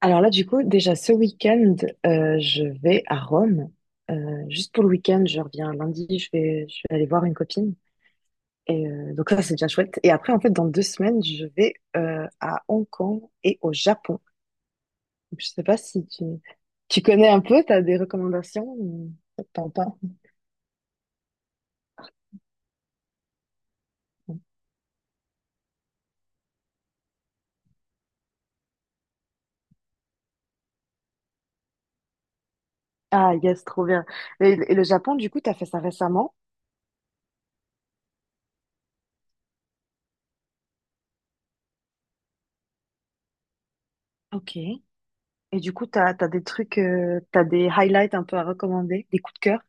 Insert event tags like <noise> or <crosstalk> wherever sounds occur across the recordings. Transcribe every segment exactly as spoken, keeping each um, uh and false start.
Alors là, du coup, déjà ce week-end, euh, je vais à Rome. Euh, juste pour le week-end, je reviens lundi, je vais, je vais aller voir une copine. Et euh, donc là, c'est bien chouette. Et après, en fait, dans deux semaines, je vais euh, à Hong Kong et au Japon. Donc, je sais pas si tu, tu connais un peu, tu as des recommandations ou t'en pas. Ah, yes, trop bien. Et, et le Japon, du coup, tu as fait ça récemment. Ok. Et du coup, tu as, des trucs, tu as des highlights un peu à recommander, des coups de cœur.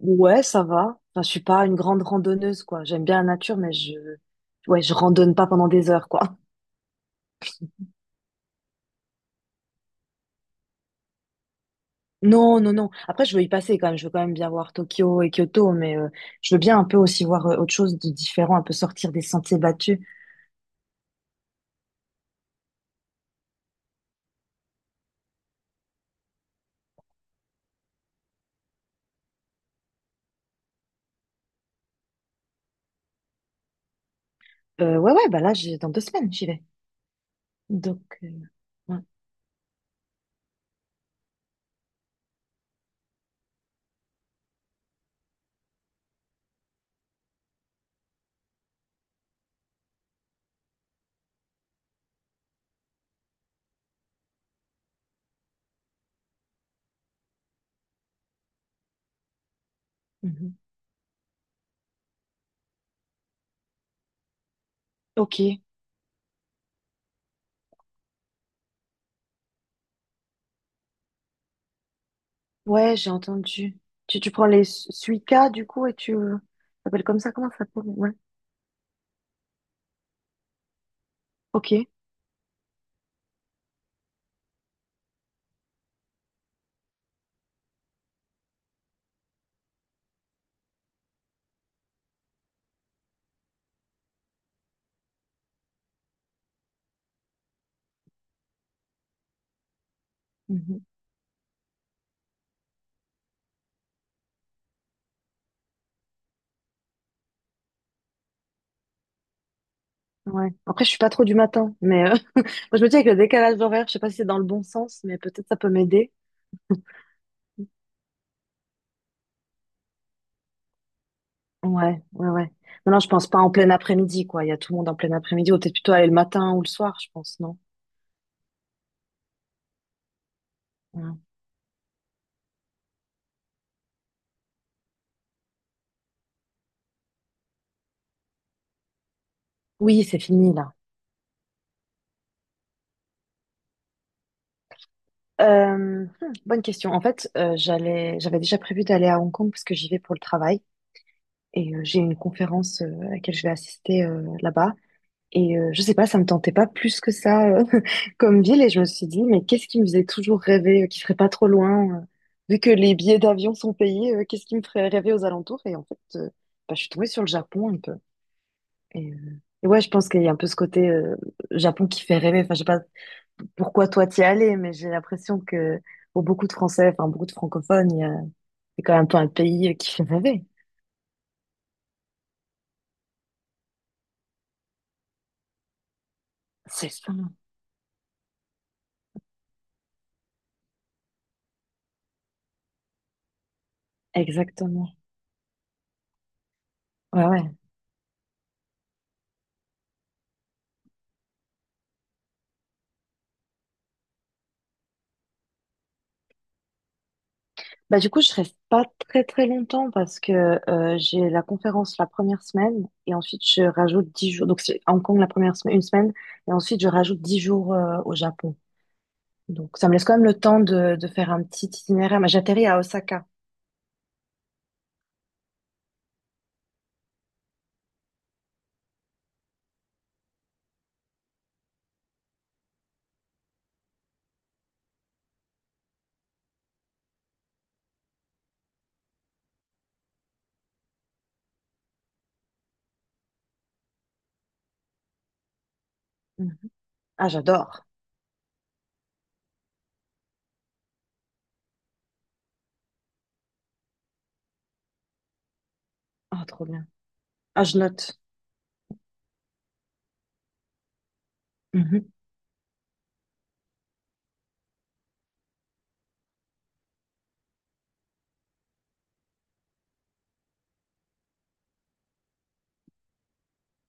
Ouais, ça va. Enfin, je suis pas une grande randonneuse, quoi. J'aime bien la nature, mais je, ouais, je randonne pas pendant des heures, quoi. Non, non, non. Après, je veux y passer quand même. Je veux quand même bien voir Tokyo et Kyoto, mais euh, je veux bien un peu aussi voir euh, autre chose de différent, un peu sortir des sentiers battus. Euh, ouais, ouais, bah là, j'ai dans deux semaines, j'y vais. Donc, euh, ouais. Mhm. Ok. Ouais, j'ai entendu. Tu, tu prends les su- Suica, du coup, et tu euh, ça s'appelle comme ça, comment ça s'appelle? Ouais. Ok. Mhm. Ouais. Après, je suis pas trop du matin, mais. Euh, Je me dis avec le décalage horaire, je sais pas si c'est dans le bon sens, mais peut-être ça peut m'aider. Ouais, ouais, ouais. Non, non, je pense pas en plein après-midi, quoi. Il y a tout le monde en plein après-midi. Ou peut-être plutôt aller le matin ou le soir, je pense, non? Ouais. Oui, c'est fini, là. Euh, hmm, bonne question. En fait, euh, j'allais, j'avais déjà prévu d'aller à Hong Kong parce que j'y vais pour le travail. Et euh, j'ai une conférence euh, à laquelle je vais assister euh, là-bas. Et euh, je sais pas, ça me tentait pas plus que ça euh, <laughs> comme ville. Et je me suis dit, mais qu'est-ce qui me faisait toujours rêver, euh, qui serait pas trop loin, euh, vu que les billets d'avion sont payés, euh, qu'est-ce qui me ferait rêver aux alentours? Et en fait, euh, bah, je suis tombée sur le Japon un peu. Et, euh, et ouais, je pense qu'il y a un peu ce côté euh, Japon qui fait rêver. Enfin, je sais pas pourquoi toi t'y es allé, mais j'ai l'impression que pour beaucoup de Français, enfin beaucoup de francophones, il y a- c'est quand même un peu un pays euh, qui fait rêver. C'est ça, exactement. Ouais, ouais. Bah, du coup, je reste pas très très longtemps parce que euh, j'ai la conférence la première semaine et ensuite je rajoute dix jours. Donc, c'est à Hong Kong la première semaine, une semaine et ensuite je rajoute dix jours euh, au Japon. Donc, ça me laisse quand même le temps de, de faire un petit itinéraire. Mais j'atterris à Osaka. Mhm. Ah, j'adore. Ah, trop bien. Ah, je note. Mhm,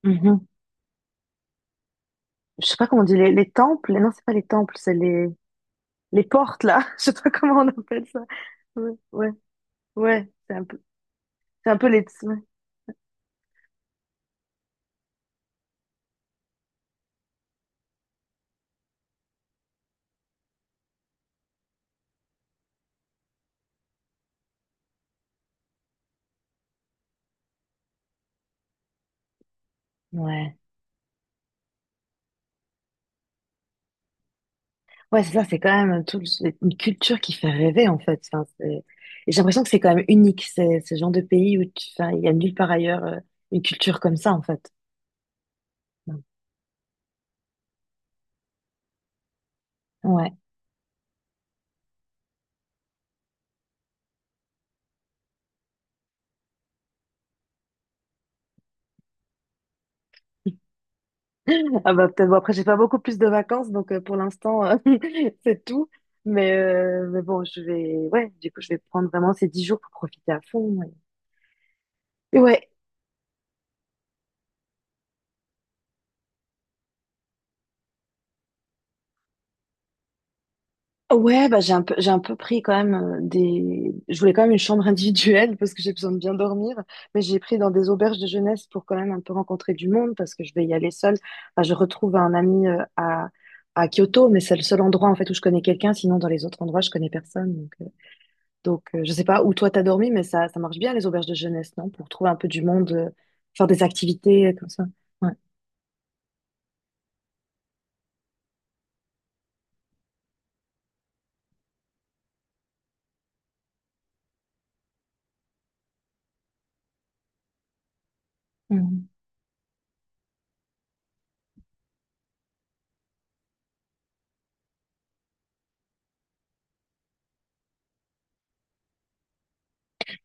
mhm. Je sais pas comment on dit, les, les temples. Non, c'est pas les temples, c'est les, les portes là. <laughs> Je sais pas comment on appelle ça. Ouais, ouais, ouais. C'est un peu, c'est un peu les. Ouais. Ouais. Ouais, c'est ça, c'est quand même tout, le- c'est une culture qui fait rêver, en fait. Enfin, c'est- et j'ai l'impression que c'est quand même unique, c'est ce genre de pays où tu, enfin, il y a nulle part ailleurs euh, une culture comme ça, en fait. Ouais. Ah bah peut-être, bon, après, j'ai pas beaucoup plus de vacances, donc euh, pour l'instant, euh, <laughs> c'est tout. Mais, euh, mais bon, je vais, ouais, du coup, je vais prendre vraiment ces dix jours pour profiter à fond. Ouais. Et ouais, ouais, bah, j'ai un peu, j'ai un peu pris quand même euh, des. Je voulais quand même une chambre <laughs> individuelle parce que j'ai besoin de bien dormir, mais j'ai pris dans des auberges de jeunesse pour quand même un peu rencontrer du monde parce que je vais y aller seule. Enfin, je retrouve un ami euh, à, à Kyoto, mais c'est le seul endroit en fait où je connais quelqu'un. Sinon, dans les autres endroits, je connais personne. Donc, euh, donc euh, je sais pas où toi t'as dormi, mais ça, ça marche bien les auberges de jeunesse, non? Pour trouver un peu du monde, euh, faire des activités euh, comme ça. Ouais.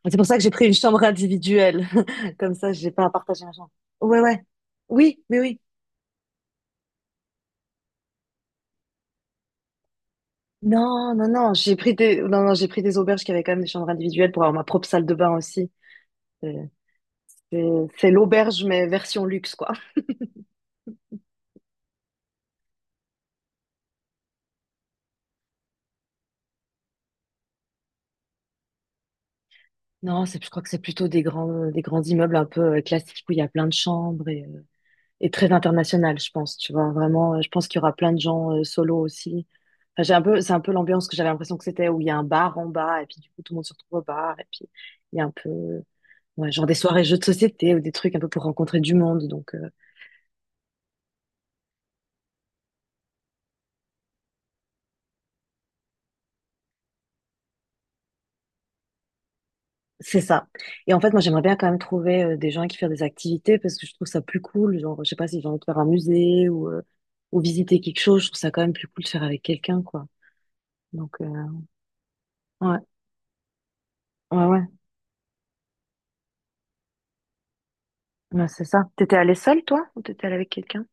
C'est pour ça que j'ai pris une chambre individuelle. <laughs> Comme ça, j'ai pas à partager ma chambre. Ouais, ouais. Oui, mais oui. Non, non, non. J'ai pris des, non, non, j'ai pris des auberges qui avaient quand même des chambres individuelles pour avoir ma propre salle de bain aussi. C'est c'est- c'est l'auberge, mais version luxe, quoi. Non, c'est, je crois que c'est plutôt des grands, des grands immeubles un peu euh, classiques où il y a plein de chambres et, euh, et très international, je pense. Tu vois, vraiment, euh, je pense qu'il y aura plein de gens euh, solo aussi. Enfin, j'ai un peu, c'est un peu l'ambiance que j'avais l'impression que c'était où il y a un bar en bas et puis du coup tout le monde se retrouve au bar et puis il y a un peu. Ouais, genre des soirées jeux de société ou des trucs un peu pour rencontrer du monde. Donc, euh, c'est ça. Et en fait, moi, j'aimerais bien quand même trouver euh, des gens qui font des activités parce que je trouve ça plus cool. Genre, je sais pas si j'ai envie de faire un musée ou, euh, ou visiter quelque chose. Je trouve ça quand même plus cool de faire avec quelqu'un, quoi. Donc, euh, ouais, ouais, ouais, Ouais, c'est ça. T'étais allée seule, toi, ou t'étais allée avec quelqu'un?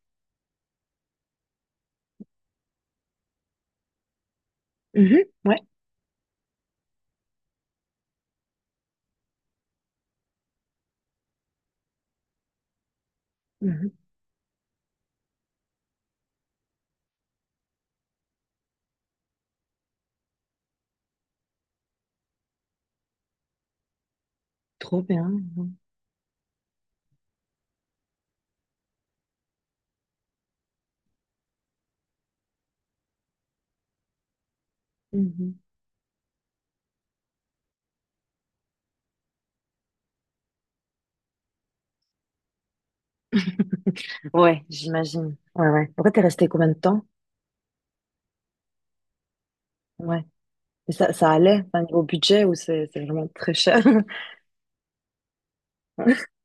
Mhm, ouais. Mhm. Trop bien. Mhm. Mhm. Ouais, j'imagine. Ouais, ouais. Pourquoi t'es resté combien de temps? Ouais. Et ça, ça allait, enfin, niveau budget ou c'est c'est vraiment très cher? <laughs>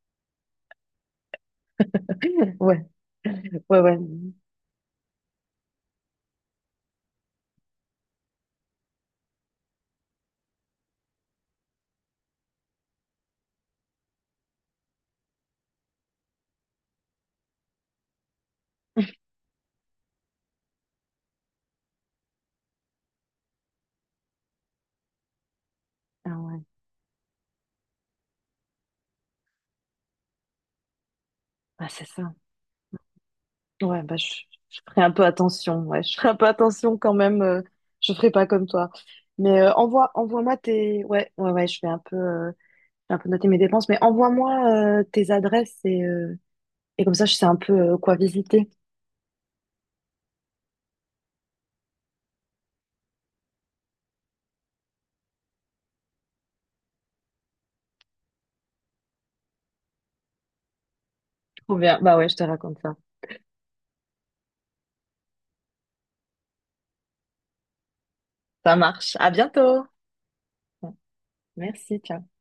Ouais, ouais, ouais. Ah ouais, ah, c'est ça. Ouais, bah, je, je ferai un peu attention. Ouais, je ferai un peu attention quand même. Euh, je ferai pas comme toi. Mais euh, envoie, envoie-moi tes. Ouais, ouais, ouais, je vais un peu, euh, je vais un peu noter mes dépenses. Mais envoie-moi euh, tes adresses et, euh, et comme ça, je sais un peu euh, quoi visiter. Trop bien. Bah ouais, je te raconte ça. Ça marche. À bientôt. Merci, ciao.